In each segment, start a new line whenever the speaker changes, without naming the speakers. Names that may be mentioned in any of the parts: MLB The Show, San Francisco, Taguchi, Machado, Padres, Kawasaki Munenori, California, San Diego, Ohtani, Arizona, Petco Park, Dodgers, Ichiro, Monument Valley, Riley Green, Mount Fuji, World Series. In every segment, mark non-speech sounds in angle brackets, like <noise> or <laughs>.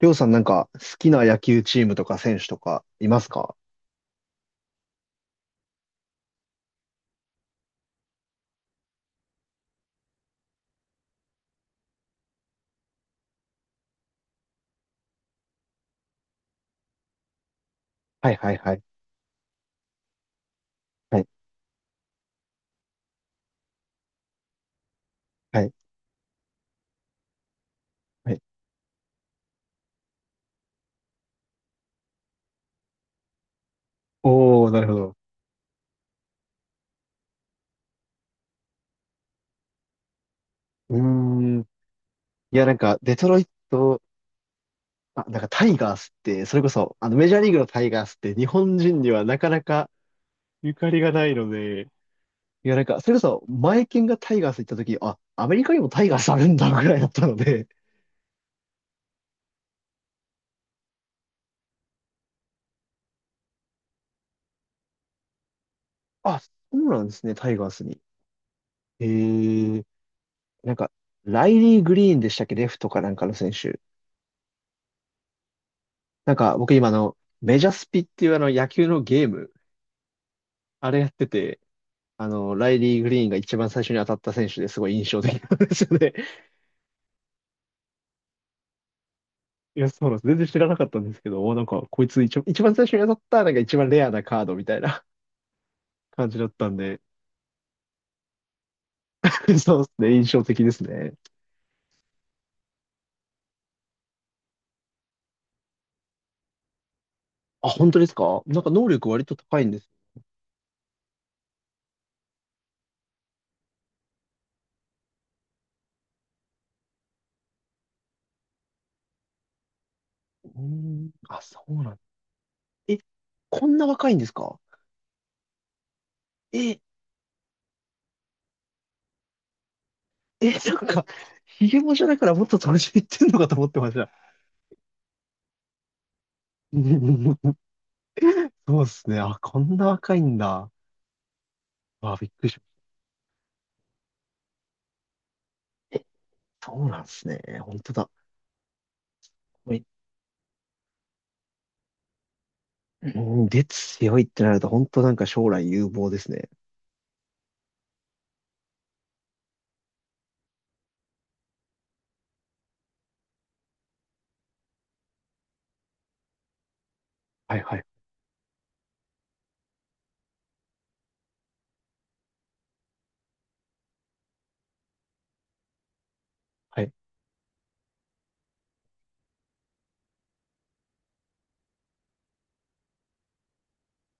りょうさんなんか好きな野球チームとか選手とかいますか？はいはいはい。はい。はい。はい。おー、なるほど。うーん。いやなんかデトロイト、あ、なんかタイガースって、それこそ、あのメジャーリーグのタイガースって日本人にはなかなかゆかりがないので、いやなんか、それこそ、前剣がタイガース行った時、あ、アメリカにもタイガースあるんだぐらいだったので、あ、そうなんですね、タイガースに。えー、なんか、ライリー・グリーンでしたっけ、レフトかなんかの選手。なんか僕今あの、メジャースピっていうあの野球のゲーム、あれやってて、あの、ライリー・グリーンが一番最初に当たった選手ですごい印象的なんですよね。<laughs> いや、そうなんです。全然知らなかったんですけど、おなんかこいつ一番最初に当たったなんか一番レアなカードみたいな <laughs> 感じだったんで、<laughs> そうですね、印象的ですね。あ、本当ですか？なんか能力割と高いんです。うーん、あ、そうなん。え、こんな若いんですか？え、え、なんか、ヒゲもじゃだからもっと年いってんのかと思ってました。<laughs> そうですね。あ、こんな若いんだ。あ、びっくりしました。え、そうなんですね。本当だ。これ。うん、で強いってなると、本当なんか将来有望ですね。はいはい。はい。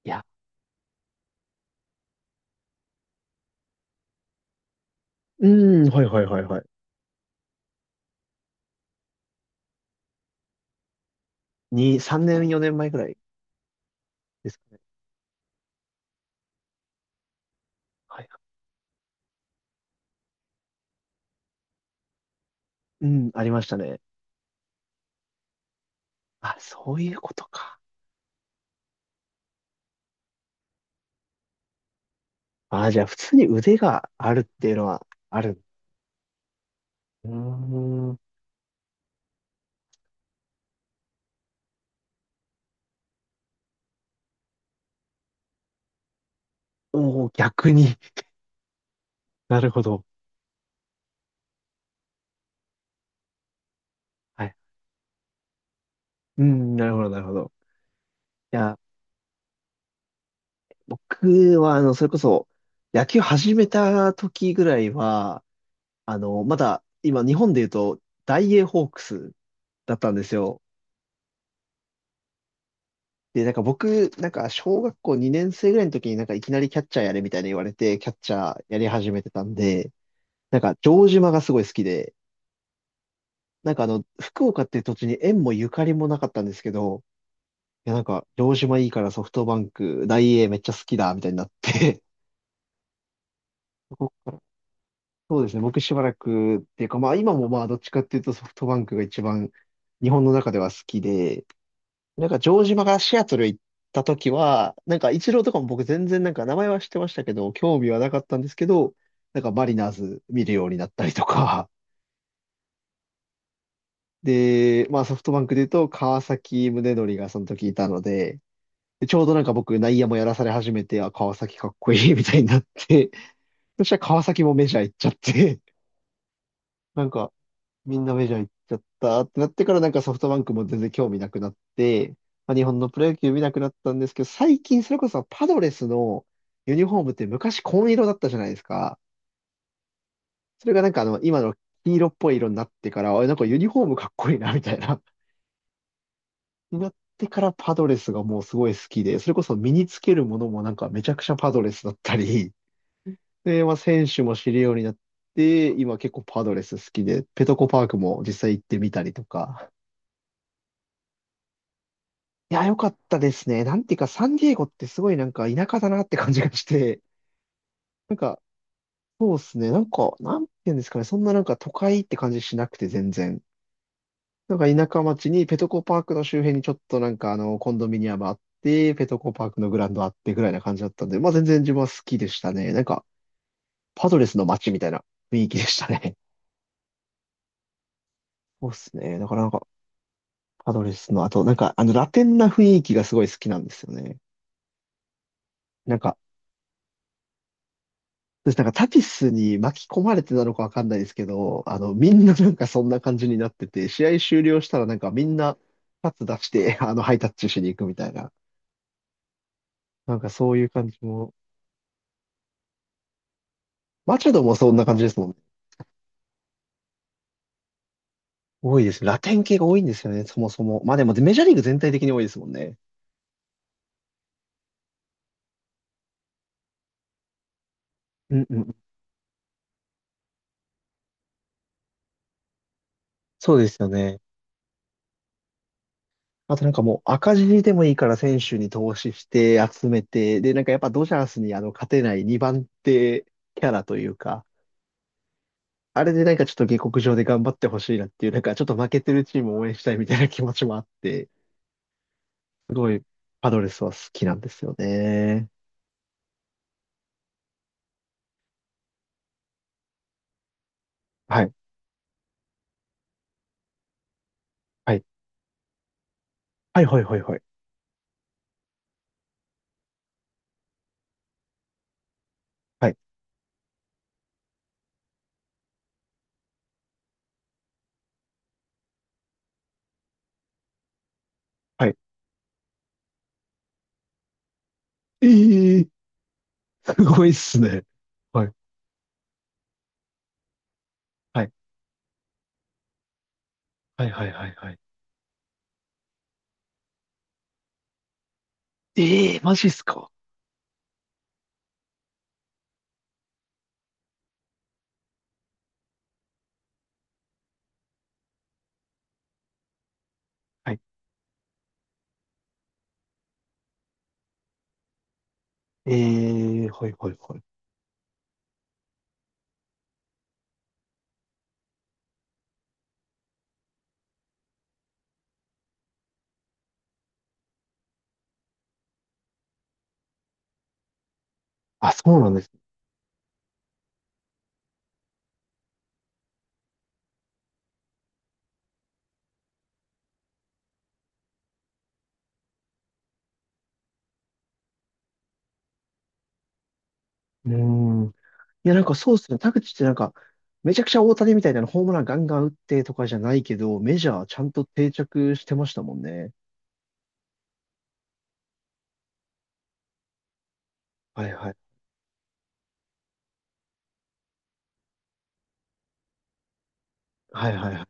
いや、うん、はいはいはいはい。に、3年、4年前ぐらいですかね。はい。うん、ありましたね。あ、そういうことか。あ、じゃあ、普通に腕があるっていうのはある。うーん。おお逆に。<laughs> なるほど。はい。うん、なるほど、なるほど。いや僕は、あの、それこそ、野球始めた時ぐらいは、あの、まだ、今、日本で言うと、大英ホークスだったんですよ。で、なんか僕、なんか、小学校2年生ぐらいの時になんか、いきなりキャッチャーやれみたいに言われて、キャッチャーやり始めてたんで、なんか、城島がすごい好きで、なんかあの、福岡っていう土地に縁もゆかりもなかったんですけど、いや、なんか、城島いいからソフトバンク、大英めっちゃ好きだ、みたいになって、そうですね。僕しばらくっていうか、まあ今もまあどっちかっていうとソフトバンクが一番日本の中では好きで、なんか城島がシアトル行った時は、なんかイチローとかも僕全然なんか名前は知ってましたけど、興味はなかったんですけど、なんかマリナーズ見るようになったりとか、<laughs> で、まあソフトバンクで言うと川崎宗則がその時いたので、でちょうどなんか僕内野もやらされ始めて、あ、川崎かっこいいみたいになって、そしたら川崎もメジャー行っちゃって、なんか、みんなメジャー行っちゃったってなってからなんかソフトバンクも全然興味なくなって、まあ、日本のプロ野球見なくなったんですけど、最近それこそパドレスのユニフォームって昔紺色だったじゃないですか。それがなんかあの今の黄色っぽい色になってから、あれなんかユニフォームかっこいいなみたいな。<laughs> になってからパドレスがもうすごい好きで、それこそ身につけるものもなんかめちゃくちゃパドレスだったり、で、まあ選手も知るようになって、今結構パドレス好きで、ペトコパークも実際行ってみたりとか。いや、良かったですね。なんていうか、サンディエゴってすごいなんか田舎だなって感じがして、なんか、そうですね。なんか、なんていうんですかね。そんななんか都会って感じしなくて全然。なんか田舎町にペトコパークの周辺にちょっとなんかあの、コンドミニアムあって、ペトコパークのグラウンドあってぐらいな感じだったんで、まあ全然自分は好きでしたね。なんか、パドレスの街みたいな雰囲気でしたね。<laughs> そうですね。だからなんか、パドレスの、あとなんかあの、ラテンな雰囲気がすごい好きなんですよね。なんか、私なんかタピスに巻き込まれてなのかわかんないですけど、あの、みんななんかそんな感じになってて、試合終了したらなんかみんなパス出して、<laughs> あの、ハイタッチしに行くみたいな。なんかそういう感じも。マチャドもそんな感じですもんね。多いです。ラテン系が多いんですよね、そもそも。まあでもメジャーリーグ全体的に多いですもんね。うんうん。そうですよね。あとなんかもう赤字でもいいから選手に投資して集めて、でなんかやっぱドジャースにあの勝てない2番手キャラというか、あれでなんかちょっと下克上で頑張ってほしいなっていう、なんかちょっと負けてるチームを応援したいみたいな気持ちもあって、すごいパドレスは好きなんですよね。はい。はい。はいはいはいはい。はい。はい。ええー、すごいっすね。はい。はい。はいはいはいはい。ええー、マジっすか。はい。ええー、はいはいはい。あ、そうなんですね。うーん。いやなんかそうっすね。田口ってなんか、めちゃくちゃ大谷みたいなホームランガンガン打ってとかじゃないけど、メジャーちゃんと定着してましたもんね。はいはい。はいはいはい。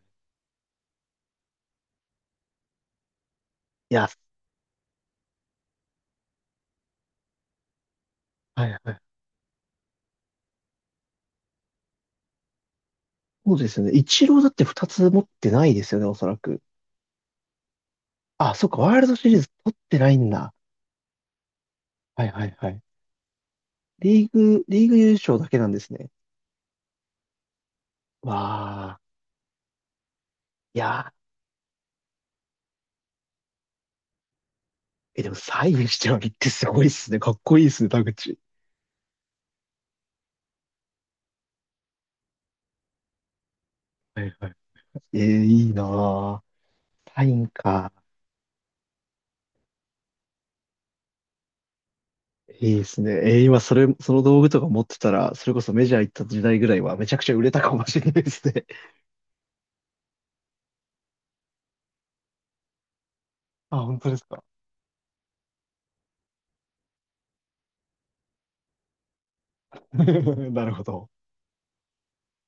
いや、はいはい。そうですよね。イチローだって2つ持ってないですよね、おそらく。あ、そっか、ワールドシリーズ取ってないんだ。はいはいはい。リーグ優勝だけなんですね。わあ。いやー、え、でもサインしてはるってすごいっすね。かっこいいっすね、田口。はいはい。えー、いいなー。サインか。いいですね。えー今それ、その道具とか持ってたら、それこそメジャー行った時代ぐらいはめちゃくちゃ売れたかもしれないですね。<laughs> あ、本当ですか。<laughs> なるほど。